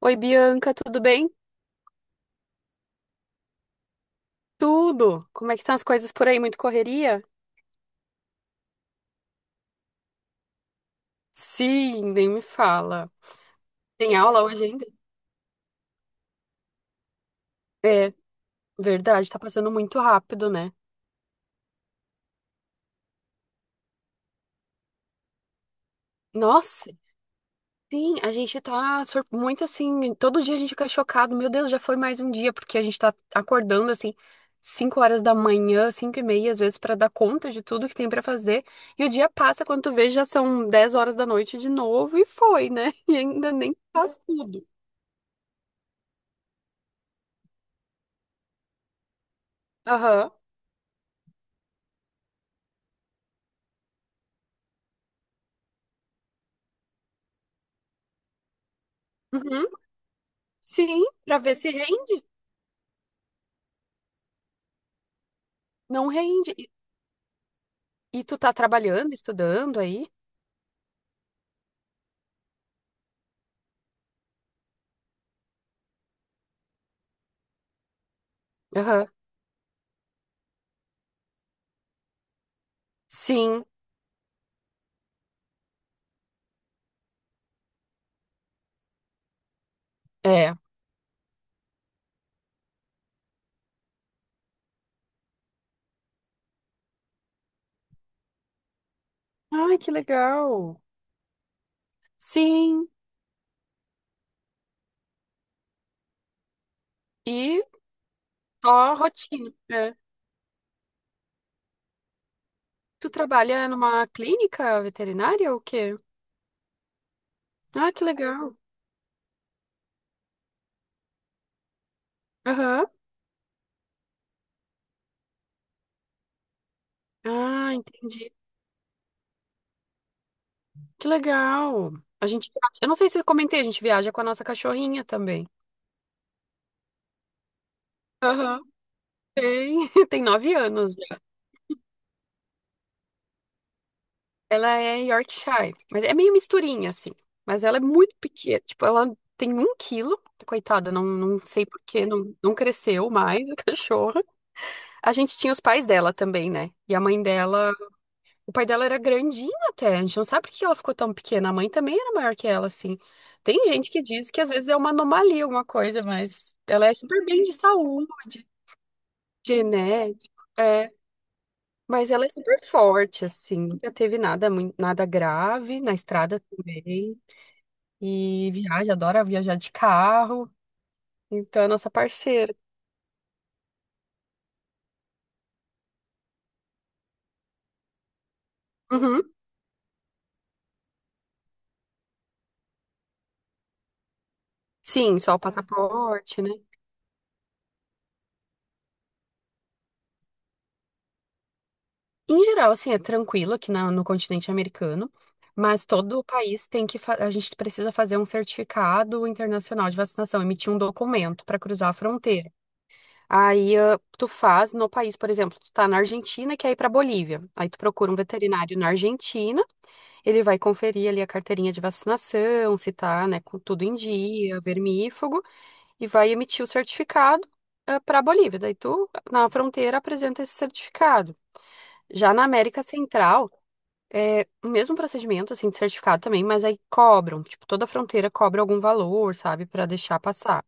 Oi, Bianca, tudo bem? Tudo. Como é que estão as coisas por aí? Muito correria? Sim, nem me fala. Tem aula hoje ainda? É, verdade, tá passando muito rápido, né? Nossa, sim, a gente tá muito assim, todo dia a gente fica chocado. Meu Deus, já foi mais um dia, porque a gente tá acordando assim, 5 horas da manhã, 5h30, às vezes, pra dar conta de tudo que tem pra fazer. E o dia passa, quando tu vê, já são 22 horas de novo e foi, né? E ainda nem faz tudo. Aham. Uhum. Sim, pra ver se rende. Não rende. E tu tá trabalhando, estudando aí? Aham. Sim, é. Ai, que legal. Sim, e só rotina. É. Tu trabalha numa clínica veterinária ou o quê? Ah, que legal. Aham. Ah, entendi. Que legal. A gente, eu não sei se eu comentei, a gente viaja com a nossa cachorrinha também. Aham. Tem, tem 9 anos. Ela é Yorkshire, mas é meio misturinha, assim. Mas ela é muito pequena. Tipo, ela tem 1 quilo. Coitada, não sei por que não cresceu mais a cachorra. A gente tinha os pais dela também, né? E a mãe dela. O pai dela era grandinho até. A gente não sabe por que ela ficou tão pequena. A mãe também era maior que ela, assim. Tem gente que diz que às vezes é uma anomalia, alguma coisa, mas ela é super bem de saúde, genética. Mas ela é super forte, assim. Nunca teve nada, muito, nada grave na estrada também. E viaja, adora viajar de carro. Então é nossa parceira. Uhum. Sim, só o passaporte, né? Em geral, assim, é tranquilo aqui no continente americano. Mas todo o país tem A gente precisa fazer um certificado internacional de vacinação, emitir um documento para cruzar a fronteira. Aí tu faz no país, por exemplo, tu tá na Argentina e quer ir pra Bolívia. Aí tu procura um veterinário na Argentina. Ele vai conferir ali a carteirinha de vacinação, se tá, né, com tudo em dia, vermífugo, e vai emitir o certificado para a Bolívia. Daí tu, na fronteira, apresenta esse certificado. Já na América Central, é o mesmo procedimento, assim, de certificado também, mas aí cobram, tipo, toda fronteira cobra algum valor, sabe, para deixar passar.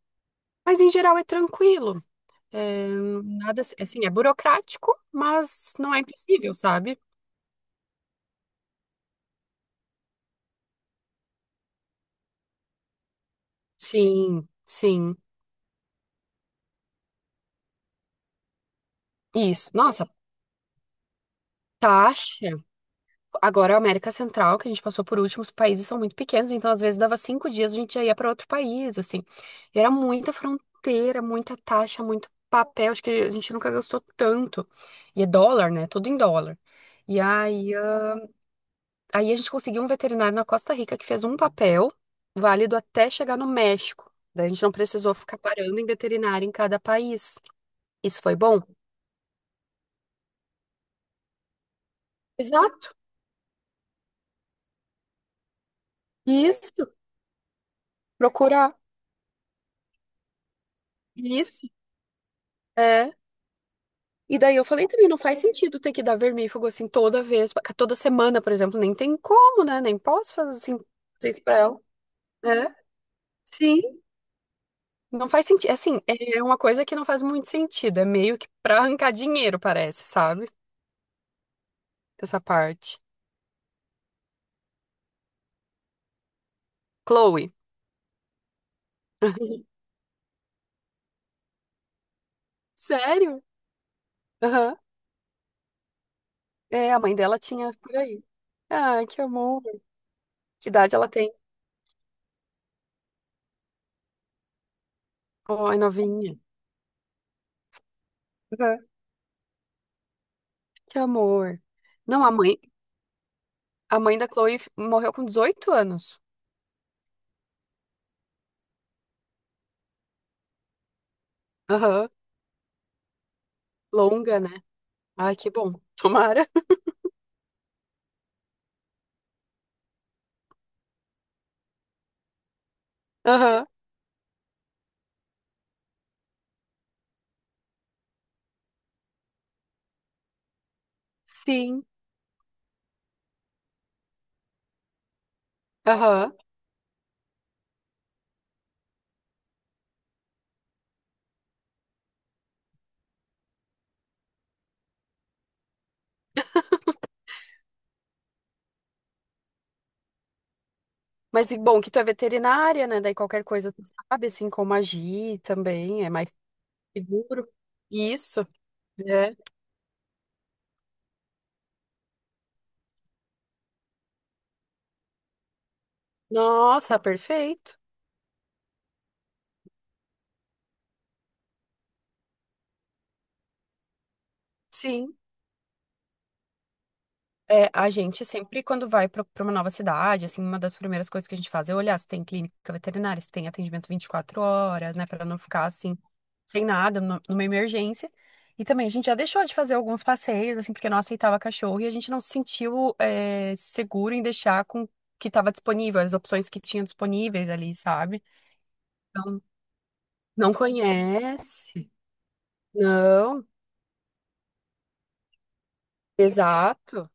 Mas em geral é tranquilo. É, nada, assim, é burocrático, mas não é impossível, sabe? Sim, sim. Isso. Nossa, taxa. Agora, a América Central, que a gente passou por último, os países são muito pequenos, então às vezes dava 5 dias, a gente já ia para outro país, assim. E era muita fronteira, muita taxa, muito papel, acho que a gente nunca gastou tanto. E é dólar, né? Tudo em dólar. E aí a gente conseguiu um veterinário na Costa Rica que fez um papel válido até chegar no México. Daí a gente não precisou ficar parando em veterinário em cada país. Isso foi bom? Exato. Isso. Procurar. Isso. é E daí eu falei também, não faz sentido ter que dar vermífugo assim toda vez, toda semana, por exemplo, nem tem como, né? Nem posso fazer assim, fazer isso pra ela, né? Sim, não faz sentido. Assim, é uma coisa que não faz muito sentido. É meio que pra arrancar dinheiro, parece, sabe? Essa parte. Chloe. Sério? Aham. É, a mãe dela tinha por aí. Ai, que amor. Que idade ela tem? Ai, novinha. Aham. Que amor. Não, a mãe da Chloe morreu com 18 anos. Aham. Longa, né? Ai, que bom. Tomara. Aham. Sim. Aham. Mas e bom que tu é veterinária, né? Daí qualquer coisa tu sabe, assim como agir também, é mais seguro. Isso. É. Nossa, perfeito. Sim. É, a gente sempre, quando vai para uma nova cidade, assim, uma das primeiras coisas que a gente faz é olhar se tem clínica veterinária, se tem atendimento 24 horas, né, para não ficar assim, sem nada, numa emergência. E também a gente já deixou de fazer alguns passeios, assim, porque não aceitava cachorro e a gente não se sentiu, é, seguro em deixar com o que estava disponível, as opções que tinha disponíveis ali, sabe? Então, não conhece? Não, exato.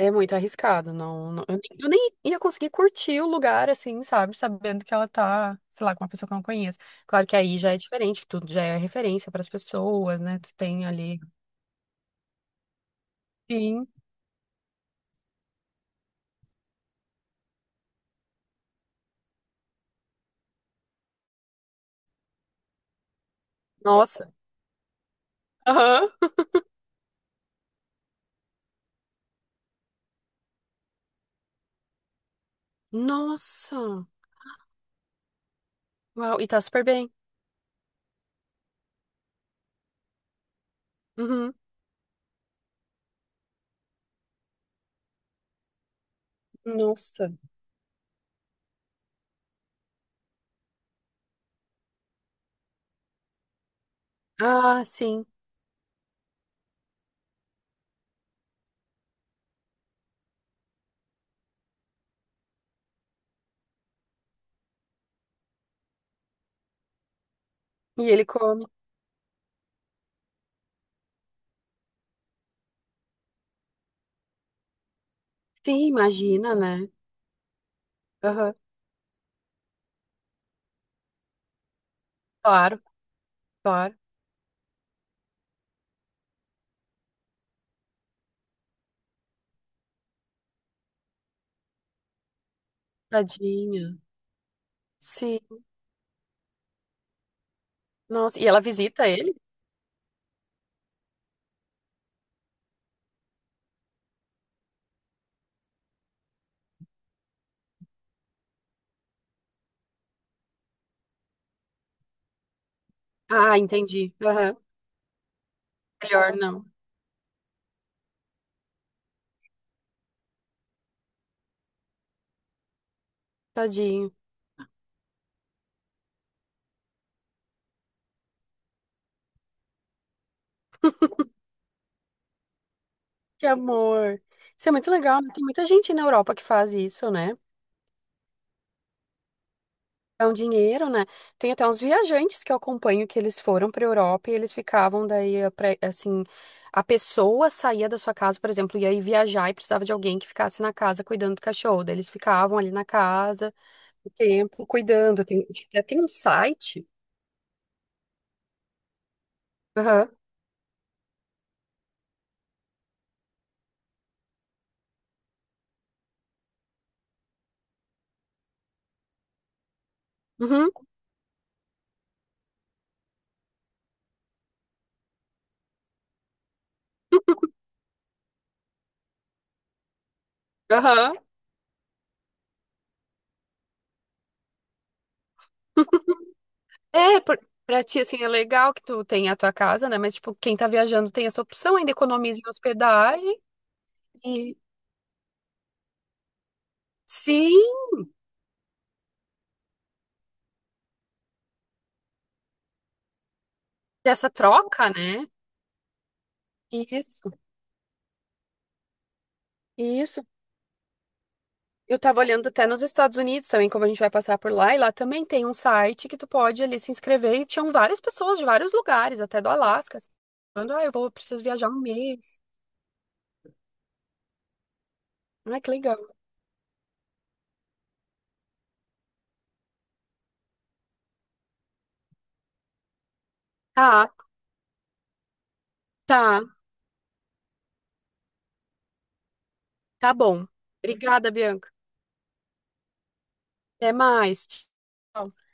É muito arriscado, eu nem ia conseguir curtir o lugar, assim, sabe? Sabendo que ela tá, sei lá, com uma pessoa que eu não conheço. Claro que aí já é diferente, que tudo já é referência pras pessoas, né? Tu tem ali. Sim. Nossa. Aham. Nossa. Uau, e tá super bem. Uhum. Nossa. Ah, sim. E ele come. Sim, imagina, né? Aham. Claro, claro. Tadinha. Sim. Nossa. E ela visita ele? Ah, entendi. Aham. Melhor não. Tadinho. Que amor. Isso é muito legal, né? Tem muita gente na Europa que faz isso, né? É um dinheiro, né? Tem até uns viajantes que eu acompanho que eles foram para Europa e eles ficavam daí, assim, a pessoa saía da sua casa, por exemplo, ia aí viajar e precisava de alguém que ficasse na casa cuidando do cachorro. Daí eles ficavam ali na casa, o tempo, cuidando. Tem, até tem um site. Aham. Uhum. Aham. É, por- Pra ti, assim, é legal que tu tem a tua casa, né? Mas, tipo, quem tá viajando tem essa opção, ainda economiza em hospedagem. E sim, dessa troca, né? Isso, isso. Eu tava olhando até nos Estados Unidos também, como a gente vai passar por lá, e lá também tem um site que tu pode ali se inscrever, e tinham várias pessoas de vários lugares, até do Alasca, assim, falando, ah, eu vou, preciso viajar um mês. Ai, que legal. Tá, tá, tá bom. Obrigada, Bianca. Até mais. Tchau.